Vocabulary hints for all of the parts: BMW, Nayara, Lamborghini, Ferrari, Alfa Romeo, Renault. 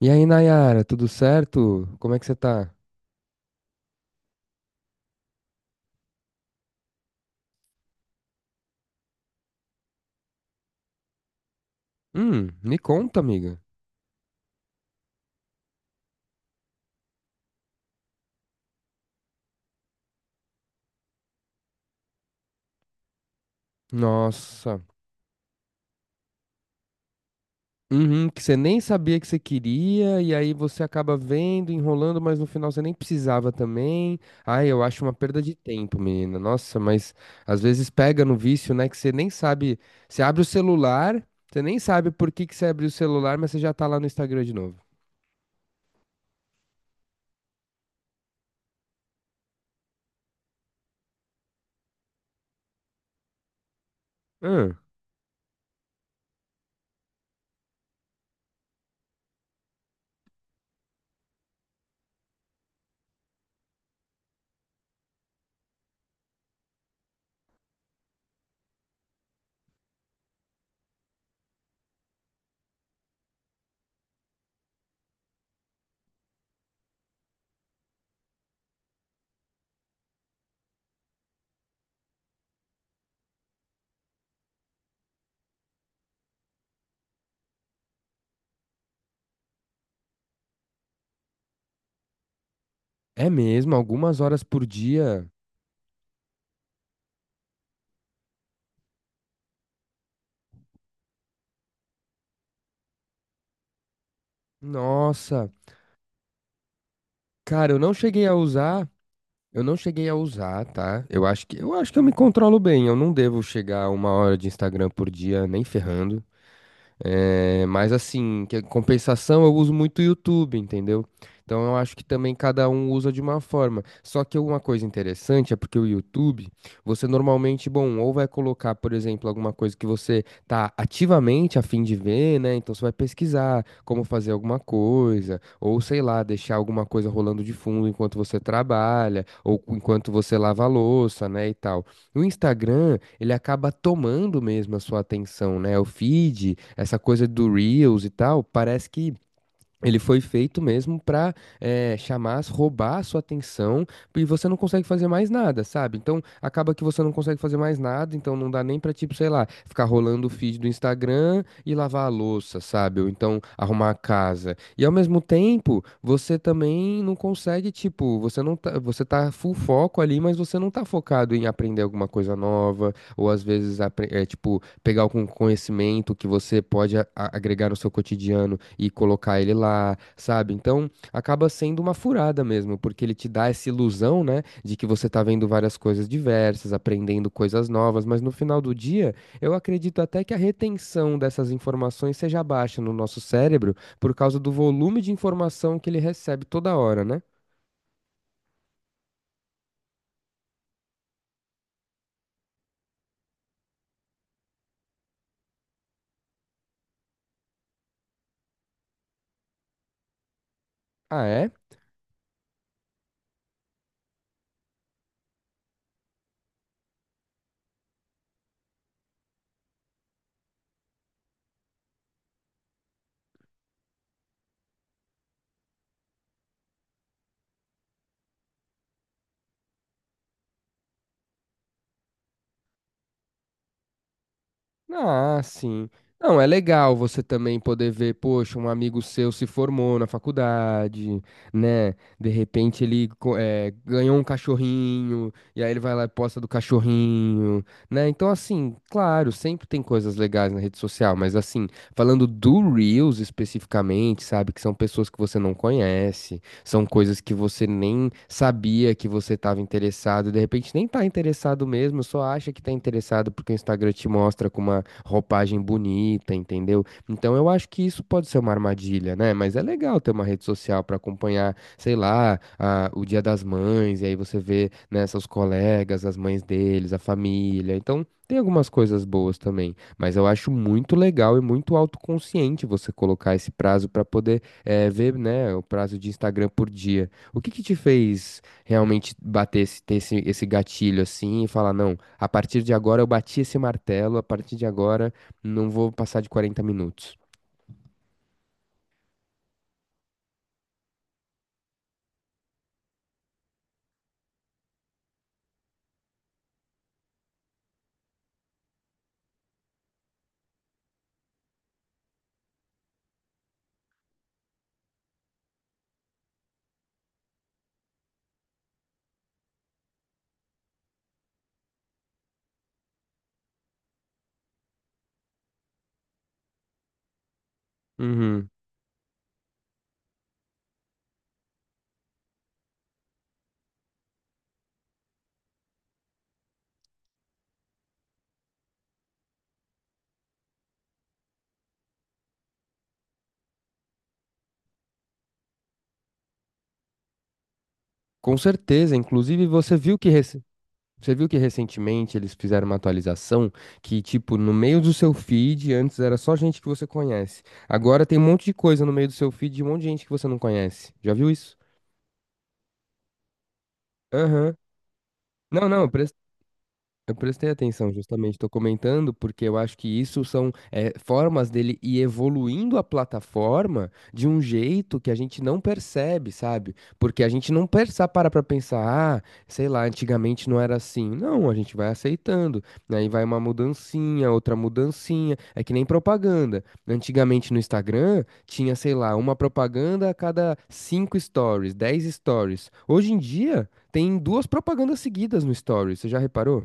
E aí, Nayara, tudo certo? Como é que você tá? Me conta, amiga. Nossa. Uhum, que você nem sabia que você queria, e aí você acaba vendo, enrolando, mas no final você nem precisava também. Ai, eu acho uma perda de tempo, menina. Nossa, mas às vezes pega no vício, né? Que você nem sabe. Você abre o celular, você nem sabe por que que você abriu o celular, mas você já tá lá no Instagram de novo. Hum, É mesmo? Algumas horas por dia? Nossa. Cara, eu não cheguei a usar. Eu não cheguei a usar, tá? Eu acho que eu me controlo bem. Eu não devo chegar a uma hora de Instagram por dia, nem ferrando. É, mas assim, que compensação eu uso muito o YouTube, entendeu? Então eu acho que também cada um usa de uma forma. Só que uma coisa interessante é porque o YouTube, você normalmente, bom, ou vai colocar, por exemplo, alguma coisa que você tá ativamente a fim de ver, né? Então você vai pesquisar como fazer alguma coisa, ou sei lá, deixar alguma coisa rolando de fundo enquanto você trabalha, ou enquanto você lava a louça, né, e tal. O Instagram, ele acaba tomando mesmo a sua atenção, né? O feed, essa coisa do Reels e tal, parece que ele foi feito mesmo pra chamar, roubar a sua atenção, e você não consegue fazer mais nada, sabe? Então acaba que você não consegue fazer mais nada, então não dá nem pra, tipo, sei lá, ficar rolando o feed do Instagram e lavar a louça, sabe? Ou então arrumar a casa. E ao mesmo tempo, você também não consegue, tipo, você não tá, você tá full foco ali, mas você não tá focado em aprender alguma coisa nova, ou às vezes, pegar algum conhecimento que você pode agregar no seu cotidiano e colocar ele lá, sabe? Então, acaba sendo uma furada mesmo, porque ele te dá essa ilusão, né, de que você tá vendo várias coisas diversas, aprendendo coisas novas, mas no final do dia, eu acredito até que a retenção dessas informações seja baixa no nosso cérebro por causa do volume de informação que ele recebe toda hora, né? Ah, é? Ah, sim. Não, é legal você também poder ver, poxa, um amigo seu se formou na faculdade, né? De repente ele ganhou um cachorrinho, e aí ele vai lá e posta do cachorrinho, né? Então, assim, claro, sempre tem coisas legais na rede social, mas assim, falando do Reels especificamente, sabe? Que são pessoas que você não conhece, são coisas que você nem sabia que você estava interessado, e de repente nem tá interessado mesmo, só acha que tá interessado porque o Instagram te mostra com uma roupagem bonita, entendeu? Então eu acho que isso pode ser uma armadilha, né? Mas é legal ter uma rede social para acompanhar, sei lá, o Dia das Mães, e aí você vê, né, seus colegas, as mães deles, a família. Então tem algumas coisas boas também. Mas eu acho muito legal e muito autoconsciente você colocar esse prazo para poder ver, né, o prazo de Instagram por dia. O que que te fez realmente bater esse, ter esse, esse gatilho assim e falar, não, a partir de agora eu bati esse martelo, a partir de agora não vou passar de 40 minutos. Uhum. Com certeza, inclusive você viu que você viu que recentemente eles fizeram uma atualização que, tipo, no meio do seu feed, antes era só gente que você conhece. Agora tem um monte de coisa no meio do seu feed de um monte de gente que você não conhece. Já viu isso? Aham. Não, não, eu prestei atenção, justamente, estou comentando, porque eu acho que isso são formas dele ir evoluindo a plataforma de um jeito que a gente não percebe, sabe? Porque a gente não pensa, para pra pensar, ah, sei lá, antigamente não era assim. Não, a gente vai aceitando, né? Aí vai uma mudancinha, outra mudancinha. É que nem propaganda. Antigamente no Instagram tinha, sei lá, uma propaganda a cada cinco stories, 10 stories. Hoje em dia tem duas propagandas seguidas no stories, você já reparou?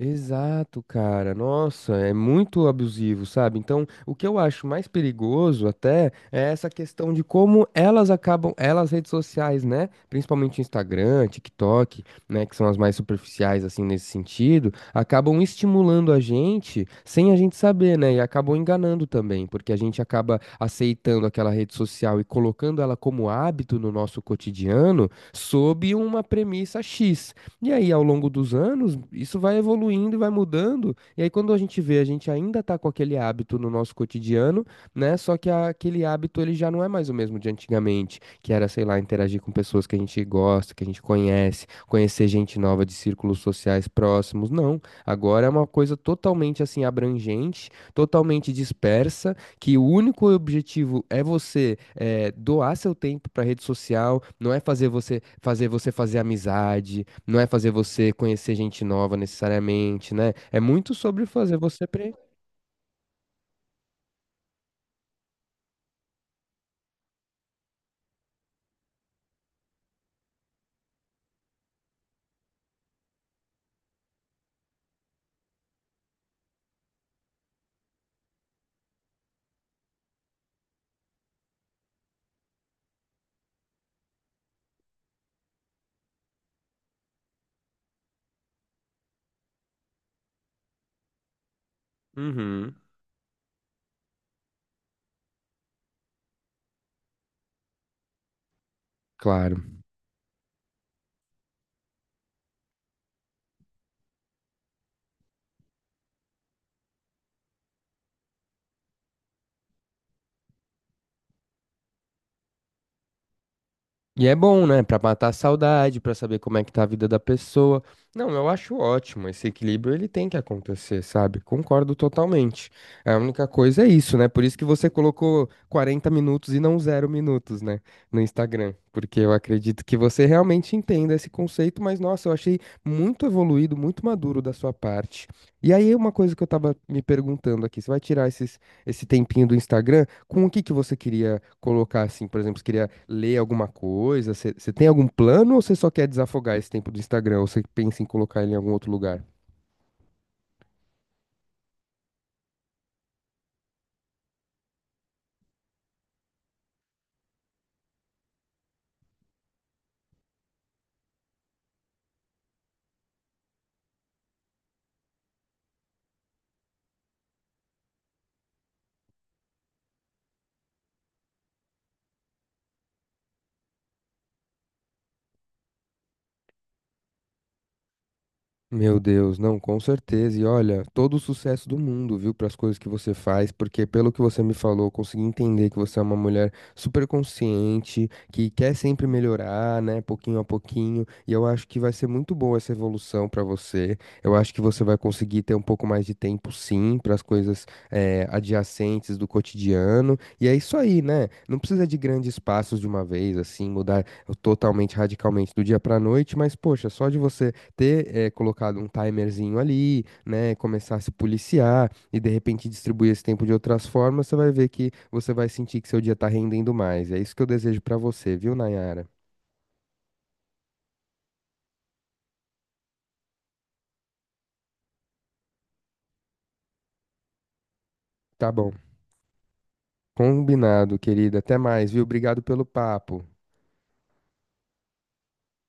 Exato, cara. Nossa, é muito abusivo, sabe? Então, o que eu acho mais perigoso até é essa questão de como elas acabam, elas redes sociais, né? Principalmente Instagram, TikTok, né, que são as mais superficiais assim nesse sentido, acabam estimulando a gente sem a gente saber, né? E acabam enganando também, porque a gente acaba aceitando aquela rede social e colocando ela como hábito no nosso cotidiano sob uma premissa X. E aí, ao longo dos anos, isso vai evoluindo e vai mudando. E aí, quando a gente vê, a gente ainda tá com aquele hábito no nosso cotidiano, né? Só que aquele hábito ele já não é mais o mesmo de antigamente, que era, sei lá, interagir com pessoas que a gente gosta, que a gente conhece, conhecer gente nova de círculos sociais próximos. Não. Agora é uma coisa totalmente assim abrangente, totalmente dispersa, que o único objetivo é você doar seu tempo para rede social, não é fazer você fazer amizade, não é fazer você conhecer gente nova necessariamente, né? É muito sobre fazer você aprender. Uhum, claro. E é bom, né? Pra matar a saudade, pra saber como é que tá a vida da pessoa. Não, eu acho ótimo. Esse equilíbrio ele tem que acontecer, sabe? Concordo totalmente. É, a única coisa é isso, né? Por isso que você colocou 40 minutos e não zero minutos, né? No Instagram. Porque eu acredito que você realmente entenda esse conceito, mas nossa, eu achei muito evoluído, muito maduro da sua parte. E aí, uma coisa que eu tava me perguntando aqui: você vai tirar esse tempinho do Instagram, com o que que você queria colocar assim, por exemplo, você queria ler alguma coisa? Você tem algum plano ou você só quer desafogar esse tempo do Instagram? Ou você pensa em colocar ele em algum outro lugar? Meu Deus, não, com certeza. E olha, todo o sucesso do mundo, viu, para as coisas que você faz, porque pelo que você me falou, eu consegui entender que você é uma mulher super consciente, que quer sempre melhorar, né, pouquinho a pouquinho. E eu acho que vai ser muito boa essa evolução para você. Eu acho que você vai conseguir ter um pouco mais de tempo, sim, para as coisas adjacentes do cotidiano. E é isso aí, né? Não precisa de grandes passos de uma vez, assim, mudar totalmente, radicalmente do dia para noite, mas poxa, só de você ter colocado um timerzinho ali, né, começar a se policiar e de repente distribuir esse tempo de outras formas, você vai ver que você vai sentir que seu dia tá rendendo mais. É isso que eu desejo pra você, viu, Nayara? Tá bom. Combinado, querida. Até mais, viu? Obrigado pelo papo.